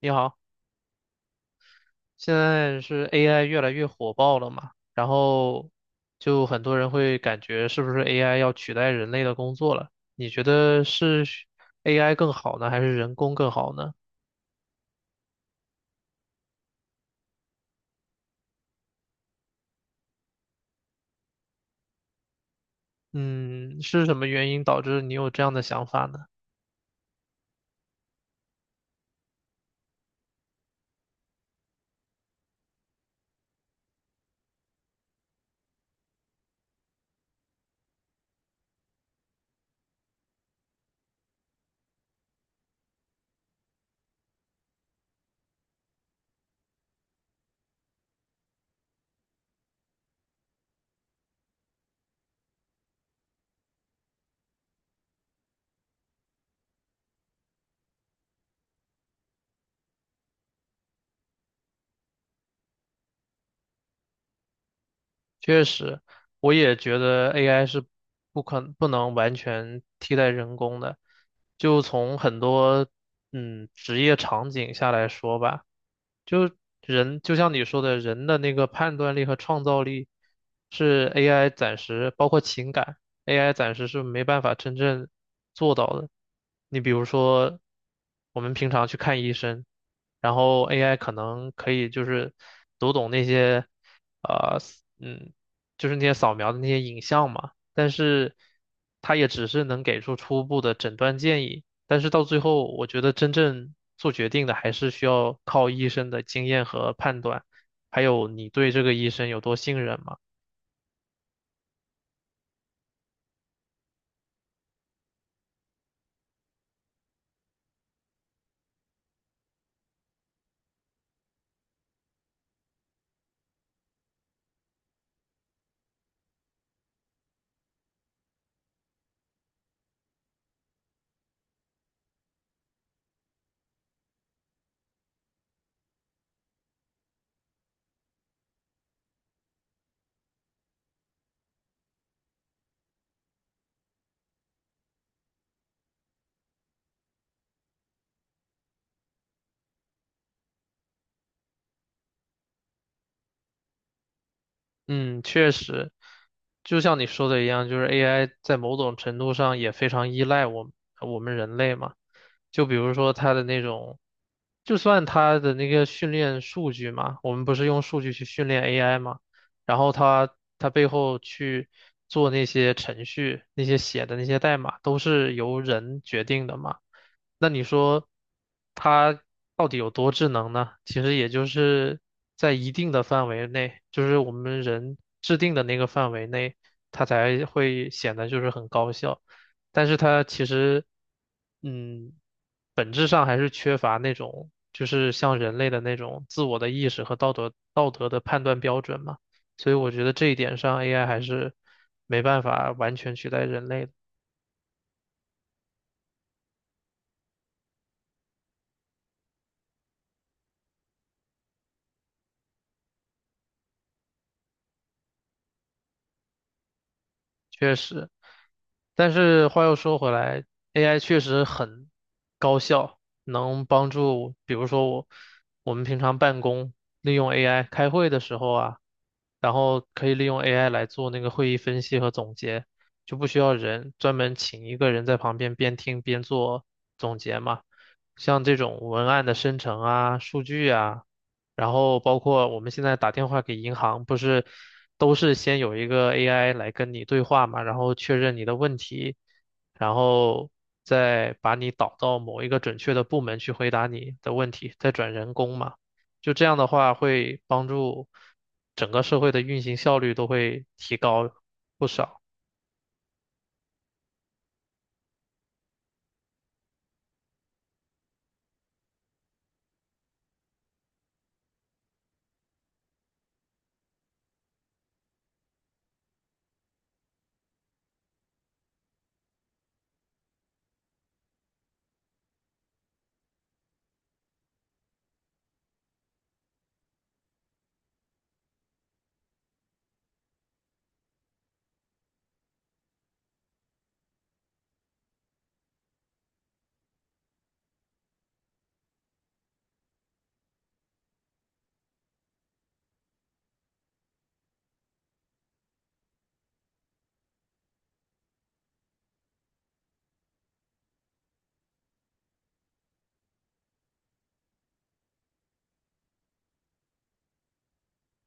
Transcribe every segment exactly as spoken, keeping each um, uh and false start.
你好，现在是 A I 越来越火爆了嘛，然后就很多人会感觉是不是 A I 要取代人类的工作了？你觉得是 A I 更好呢，还是人工更好呢？嗯，是什么原因导致你有这样的想法呢？确实，我也觉得 A I 是不可不能完全替代人工的。就从很多嗯职业场景下来说吧，就人就像你说的，人的那个判断力和创造力是 A I 暂时包括情感，A I 暂时是没办法真正做到的。你比如说，我们平常去看医生，然后 A I 可能可以就是读懂那些。啊。嗯，就是那些扫描的那些影像嘛，但是它也只是能给出初步的诊断建议，但是到最后，我觉得真正做决定的还是需要靠医生的经验和判断，还有你对这个医生有多信任嘛。嗯，确实，就像你说的一样，就是 A I 在某种程度上也非常依赖我们我们人类嘛。就比如说它的那种，就算它的那个训练数据嘛，我们不是用数据去训练 A I 嘛，然后它它背后去做那些程序，那些写的那些代码都是由人决定的嘛。那你说它到底有多智能呢？其实也就是在一定的范围内，就是我们人制定的那个范围内，它才会显得就是很高效。但是它其实，嗯，本质上还是缺乏那种就是像人类的那种自我的意识和道德道德的判断标准嘛。所以我觉得这一点上，A I 还是没办法完全取代人类的。确实。但是话又说回来，A I 确实很高效，能帮助，比如说我我们平常办公利用 A I 开会的时候啊，然后可以利用 A I 来做那个会议分析和总结，就不需要人专门请一个人在旁边边听边做总结嘛。像这种文案的生成啊、数据啊，然后包括我们现在打电话给银行，不是都是先有一个 A I 来跟你对话嘛，然后确认你的问题，然后再把你导到某一个准确的部门去回答你的问题，再转人工嘛。就这样的话，会帮助整个社会的运行效率都会提高不少。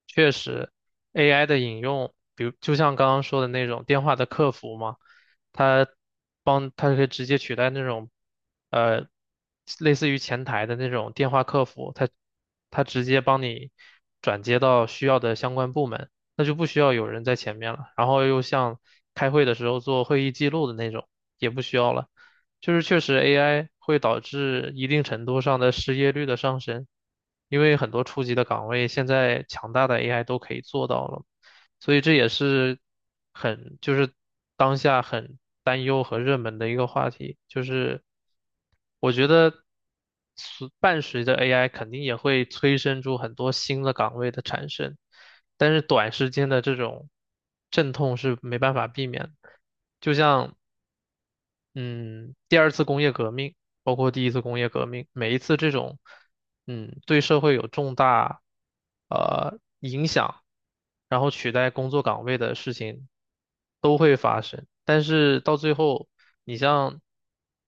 确实，A I 的引用，比如就像刚刚说的那种电话的客服嘛，它帮它可以直接取代那种呃类似于前台的那种电话客服，它它直接帮你转接到需要的相关部门，那就不需要有人在前面了。然后又像开会的时候做会议记录的那种，也不需要了。就是确实 A I 会导致一定程度上的失业率的上升，因为很多初级的岗位现在强大的 A I 都可以做到了，所以这也是很就是当下很担忧和热门的一个话题，就是我觉得随伴随着 A I 肯定也会催生出很多新的岗位的产生，但是短时间的这种阵痛是没办法避免的。就像嗯，第二次工业革命，包括第一次工业革命，每一次这种，嗯，对社会有重大呃影响，然后取代工作岗位的事情都会发生。但是到最后，你像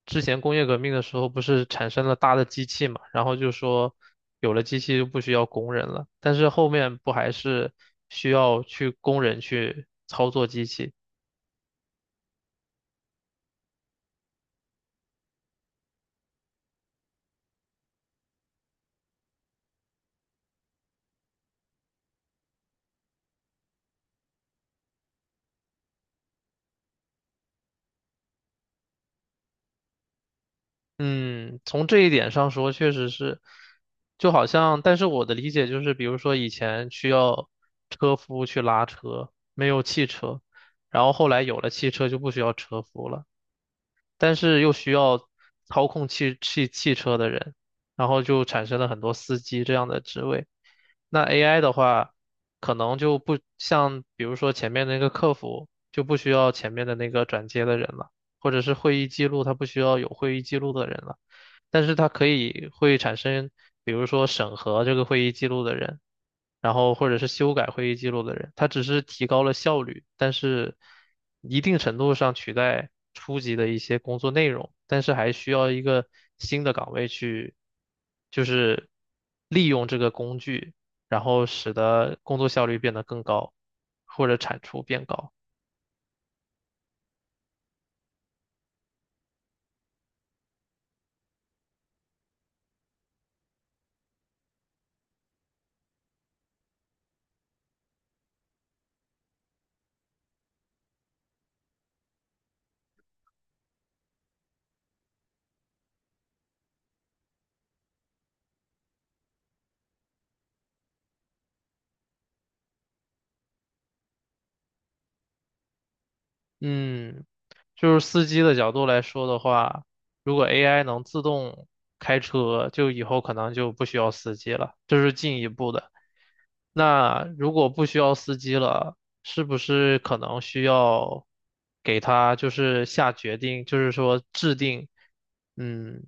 之前工业革命的时候，不是产生了大的机器嘛，然后就说有了机器就不需要工人了，但是后面不还是需要去工人去操作机器？嗯，从这一点上说，确实是，就好像，但是我的理解就是，比如说以前需要车夫去拉车，没有汽车，然后后来有了汽车就不需要车夫了，但是又需要操控汽汽汽车的人，然后就产生了很多司机这样的职位。那 A I 的话，可能就不像，比如说前面那个客服就不需要前面的那个转接的人了，或者是会议记录，他不需要有会议记录的人了。但是它可以会产生，比如说审核这个会议记录的人，然后或者是修改会议记录的人，它只是提高了效率，但是一定程度上取代初级的一些工作内容，但是还需要一个新的岗位去，就是利用这个工具，然后使得工作效率变得更高，或者产出变高。嗯，就是司机的角度来说的话，如果 A I 能自动开车，就以后可能就不需要司机了，这是进一步的。那如果不需要司机了，是不是可能需要给他就是下决定，就是说制定，嗯，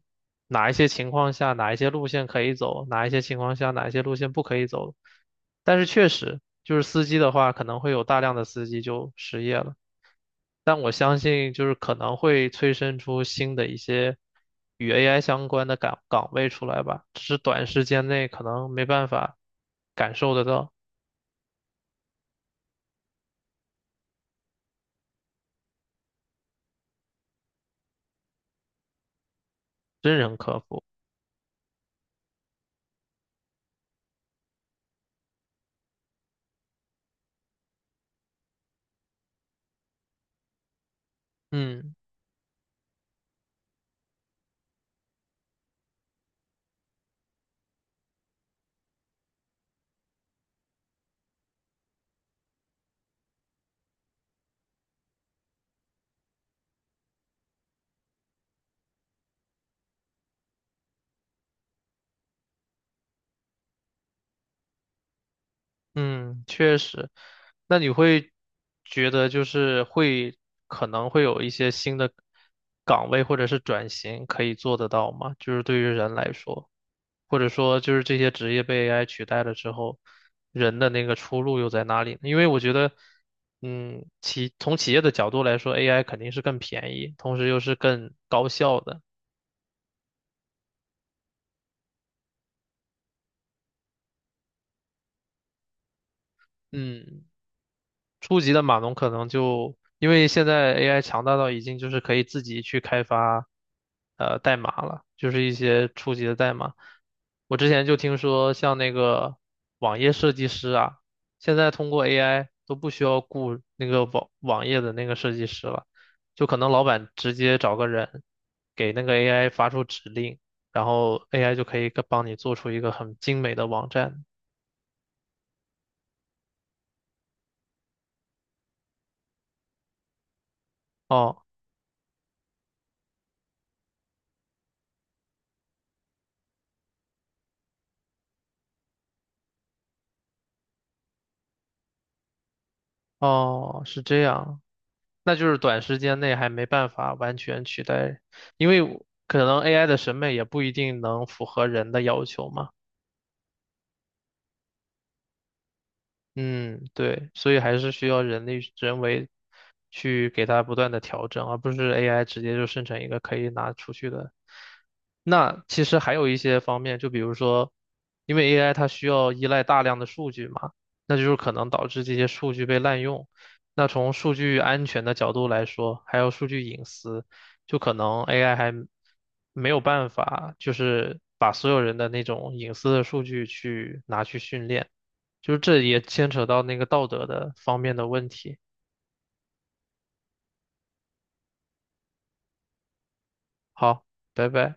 哪一些情况下哪一些路线可以走，哪一些情况下哪一些路线不可以走？但是确实，就是司机的话，可能会有大量的司机就失业了。但我相信就是可能会催生出新的一些与 A I 相关的岗岗位出来吧，只是短时间内可能没办法感受得到真人客服。嗯。嗯，确实。那你会觉得就是会可能会有一些新的岗位或者是转型可以做得到吗？就是对于人来说，或者说就是这些职业被 A I 取代了之后，人的那个出路又在哪里呢？因为我觉得，嗯，企从企业的角度来说，A I 肯定是更便宜，同时又是更高效的。嗯，初级的码农可能就因为现在 A I 强大到已经就是可以自己去开发呃代码了，就是一些初级的代码。我之前就听说像那个网页设计师啊，现在通过 A I 都不需要雇那个网网页的那个设计师了，就可能老板直接找个人给那个 A I 发出指令，然后 A I 就可以帮你做出一个很精美的网站。哦哦，是这样。那就是短时间内还没办法完全取代，因为可能 A I 的审美也不一定能符合人的要求嘛。嗯，对，所以还是需要人力人为去给它不断的调整，而不是 A I 直接就生成一个可以拿出去的。那其实还有一些方面，就比如说，因为 A I 它需要依赖大量的数据嘛，那就是可能导致这些数据被滥用。那从数据安全的角度来说，还有数据隐私，就可能 A I 还没有办法，就是把所有人的那种隐私的数据去拿去训练。就是这也牵扯到那个道德的方面的问题。好，拜拜。